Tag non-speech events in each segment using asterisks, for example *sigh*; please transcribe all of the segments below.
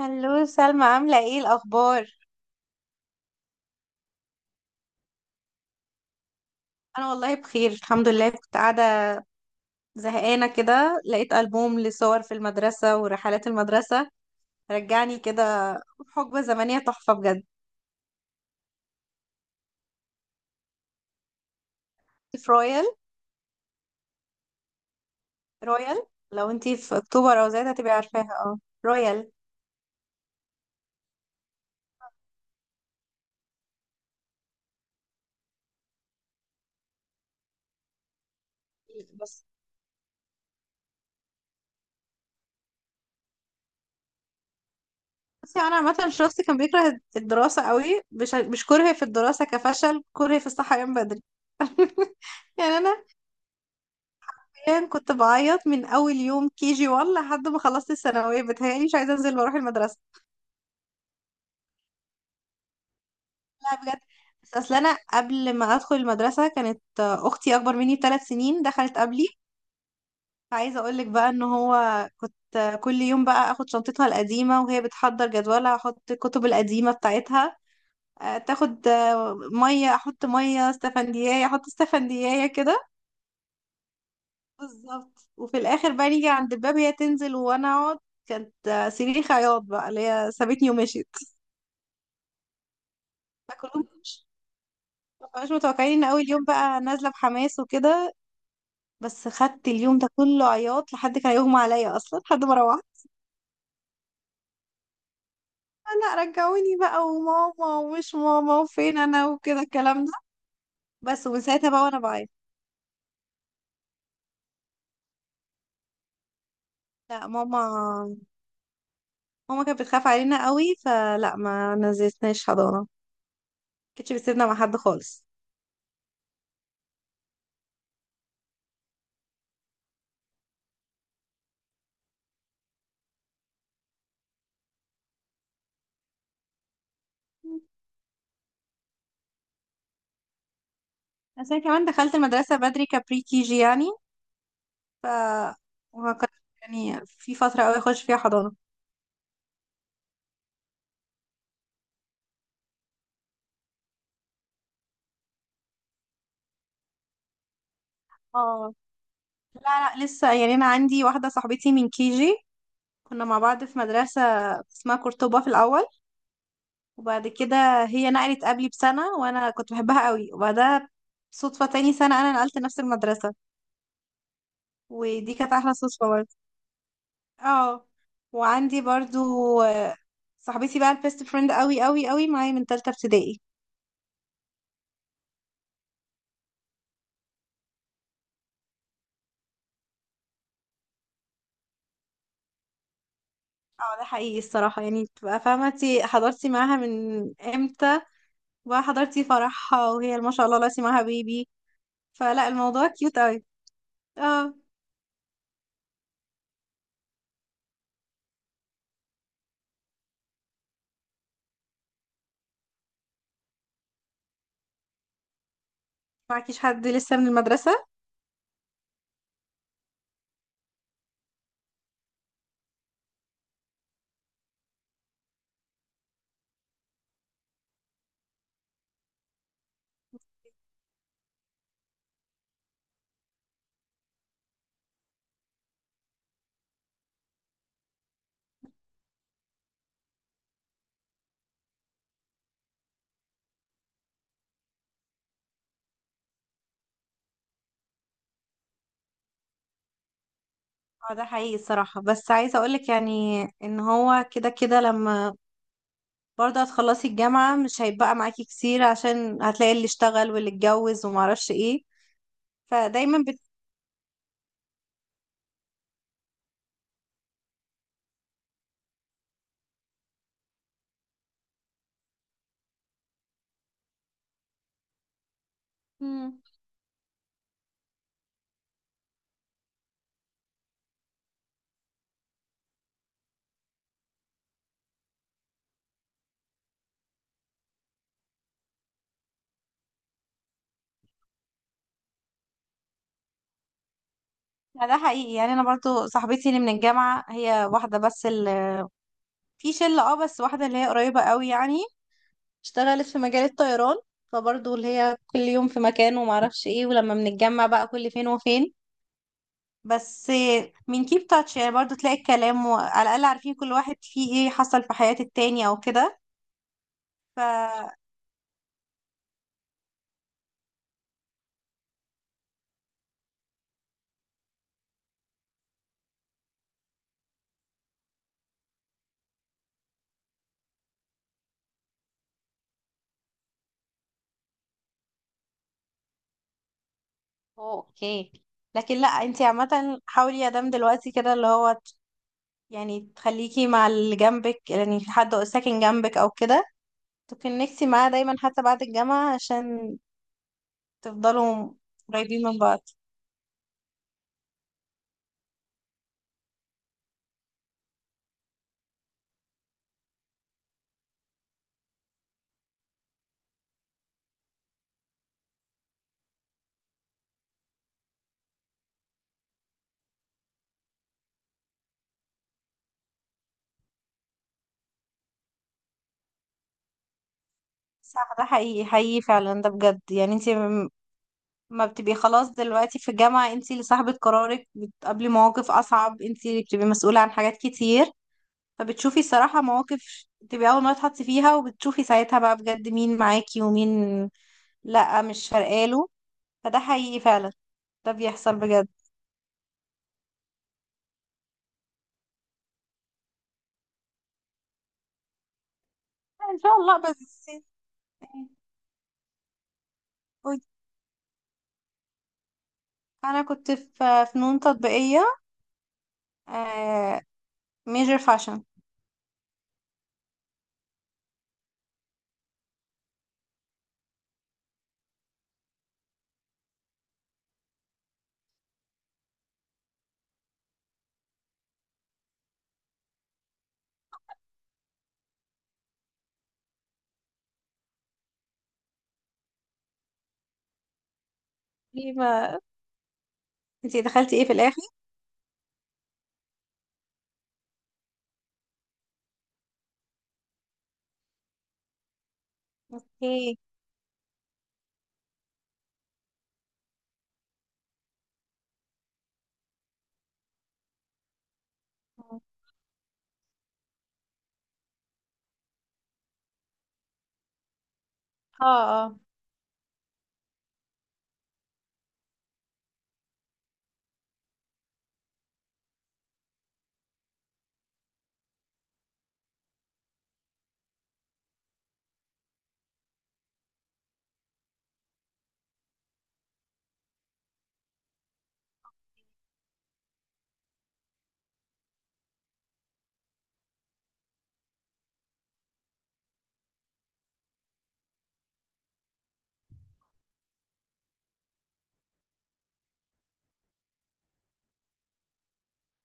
هلو سلمى، عاملة ايه الأخبار؟ أنا والله بخير الحمد لله. كنت قاعدة زهقانة كده، لقيت ألبوم لصور في المدرسة ورحلات المدرسة، رجعني كده حقبة زمنية تحفة بجد. في رويال. رويال. لو انتي في أكتوبر أو زيادة هتبقي عارفاها، اه. رويال. بس بصي، أنا عامة شخص كان بيكره الدراسة قوي. مش كره في الدراسة كفشل، كره في الصحيان بدري. *laughs* يعني انا كنت بعيط من اول يوم كي جي 1 لحد ما خلصت الثانويه. بتهيألي مش عايزه انزل واروح المدرسه. لا بجد. بس اصل انا قبل ما ادخل المدرسه كانت اختي اكبر مني ب3 سنين، دخلت قبلي. فعايزه اقول لك بقى ان هو كنت كل يوم بقى اخد شنطتها القديمه وهي بتحضر جدولها، احط الكتب القديمه بتاعتها. تاخد، ميه احط ميه، استفنديايه احط استفنديايه كده. بالظبط. وفي الاخر بقى نيجي عند الباب، هي تنزل وانا اقعد. كانت صريخ عياط بقى، اللي هي سابتني ومشيت. فكلهم مش متوقعين ان اول يوم بقى نازله بحماس وكده. بس خدت اليوم ده كله عياط، لحد كان يغمى عليا اصلا لحد ما روحت. لا رجعوني بقى، وماما ومش ماما وفين انا وكده الكلام ده. بس ومن ساعتها بقى وانا بعيط. لا ماما، ماما كانت بتخاف علينا قوي فلا، ما نزلتناش حضانة، كانتش بتسيبنا مع حد خالص. بس انا كمان دخلت المدرسة بدري، كبري كي جي يعني. ف وما كنت يعني في فترة قوي اخش فيها حضانة. اه. لا لا، لسه يعني انا عندي واحدة صاحبتي من كي جي، كنا مع بعض في مدرسة اسمها قرطبة في الأول. وبعد كده هي نقلت قبلي بسنة وانا كنت بحبها قوي، وبعدها صدفة تاني سنة انا نقلت نفس المدرسة، ودي كانت احلى صدفة برضه. اه. وعندي برضو صاحبتي بقى البيست فريند قوي قوي قوي معايا من تالتة ابتدائي. اه ده حقيقي الصراحة، يعني تبقى فاهمة انتي حضرتي معاها من امتى، بقى حضرتي فرحها وهي ما شاء الله لسه معاها بيبي، فلا الموضوع كيوت قوي. اه. معكيش حد لسه من المدرسة؟ اه ده حقيقي الصراحة، بس عايزة اقولك يعني ان هو كده كده لما برضه هتخلصي الجامعة مش هيبقى معاكي كتير، عشان هتلاقي اللي اشتغل واللي اتجوز ومعرفش ايه. فدايما بت... مم. ده حقيقي، يعني انا برضو صاحبتي اللي من الجامعة هي واحدة بس، اللي في شلة، اه بس واحدة اللي هي قريبة قوي يعني. اشتغلت في مجال الطيران، فبرضو اللي هي كل يوم في مكان ومعرفش ايه، ولما بنتجمع بقى كل فين وفين. بس من كيب تاتش يعني، برضو تلاقي الكلام، وعلى الأقل عارفين كل واحد فيه ايه، حصل في حياة التاني او كده. اوه اوكي. لكن لا، انتي عامة حاولي يا دام دلوقتي كده، اللي هو يعني تخليكي مع اللي جنبك، يعني في حد ساكن جنبك او كده، تكونكتي معاه دايما حتى بعد الجامعة، عشان تفضلوا قريبين من بعض. صح، ده حقيقي حقيقي فعلا، ده بجد. يعني انتي ما بتبقي خلاص دلوقتي في الجامعة، انتي اللي صاحبة قرارك، بتقابلي مواقف اصعب، انتي اللي بتبقي مسؤولة عن حاجات كتير. فبتشوفي الصراحة مواقف تبقي اول مرة تحطي فيها، وبتشوفي ساعتها بقى بجد مين معاكي ومين لا مش فارقاله. فده حقيقي فعلا، ده بيحصل بجد. ان شاء الله. بس قولي. انا كنت في فنون تطبيقية، ميجر فاشن. ايه ما انتي دخلتي ايه في الاخر؟ اوكي. اه اه.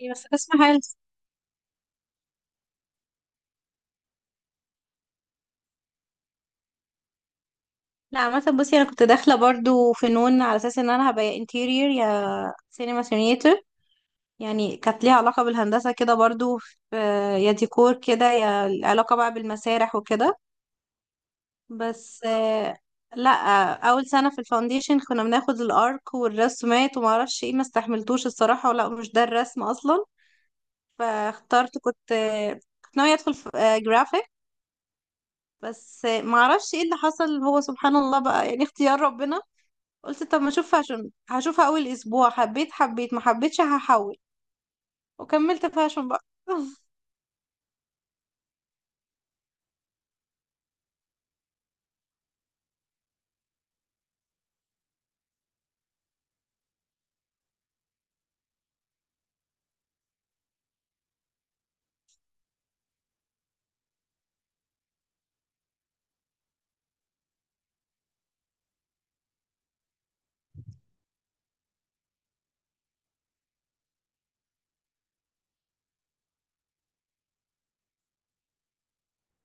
ايه بس اسمع حلو. لا عامة بصي، انا كنت داخلة برضو فنون على اساس ان انا هبقى يا انتيرير، يا سينما سينيتر، يعني كانت ليها علاقة بالهندسة كده برضو، يا ديكور كده، يا علاقة بقى بالمسارح وكده. بس، لا، اول سنه في الفاونديشن كنا بناخد الارك والرسومات وما اعرفش ايه، ما استحملتوش الصراحه، ولا مش ده الرسم اصلا. فاخترت، كنت ناويه ادخل في جرافيك. بس، ما اعرفش ايه اللي حصل، هو سبحان الله بقى يعني اختيار ربنا. قلت طب ما اشوف فاشن، هشوفها اول اسبوع، حبيت حبيت ما حبيتش هحول. وكملت فاشن بقى.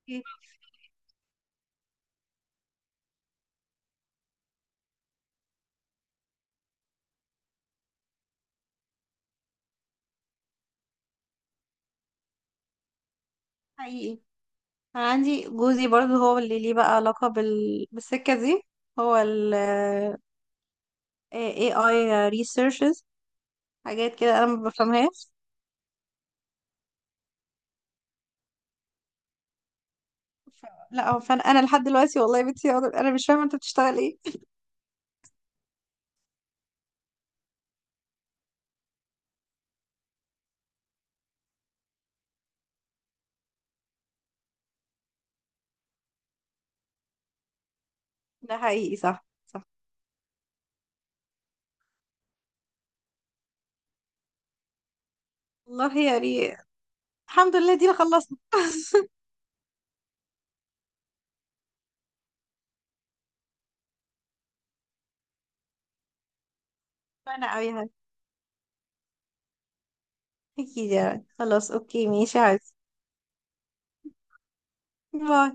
*laughs* حقيقي. أنا عندي جوزي برضو هو اللي ليه بقى علاقة بالسكة دي. هو ال AI researches، حاجات كده انا ما بفهمهاش. لا هو فانا لحد دلوقتي والله يا بنتي، انا مش فاهمه انت بتشتغل ايه. ده حقيقي، صح صح. والله يا ري، الحمد لله دينا خلصنا. *laughs* انا قوي. اكيد يعني، خلاص اوكي ماشي يا عزيزي. باي.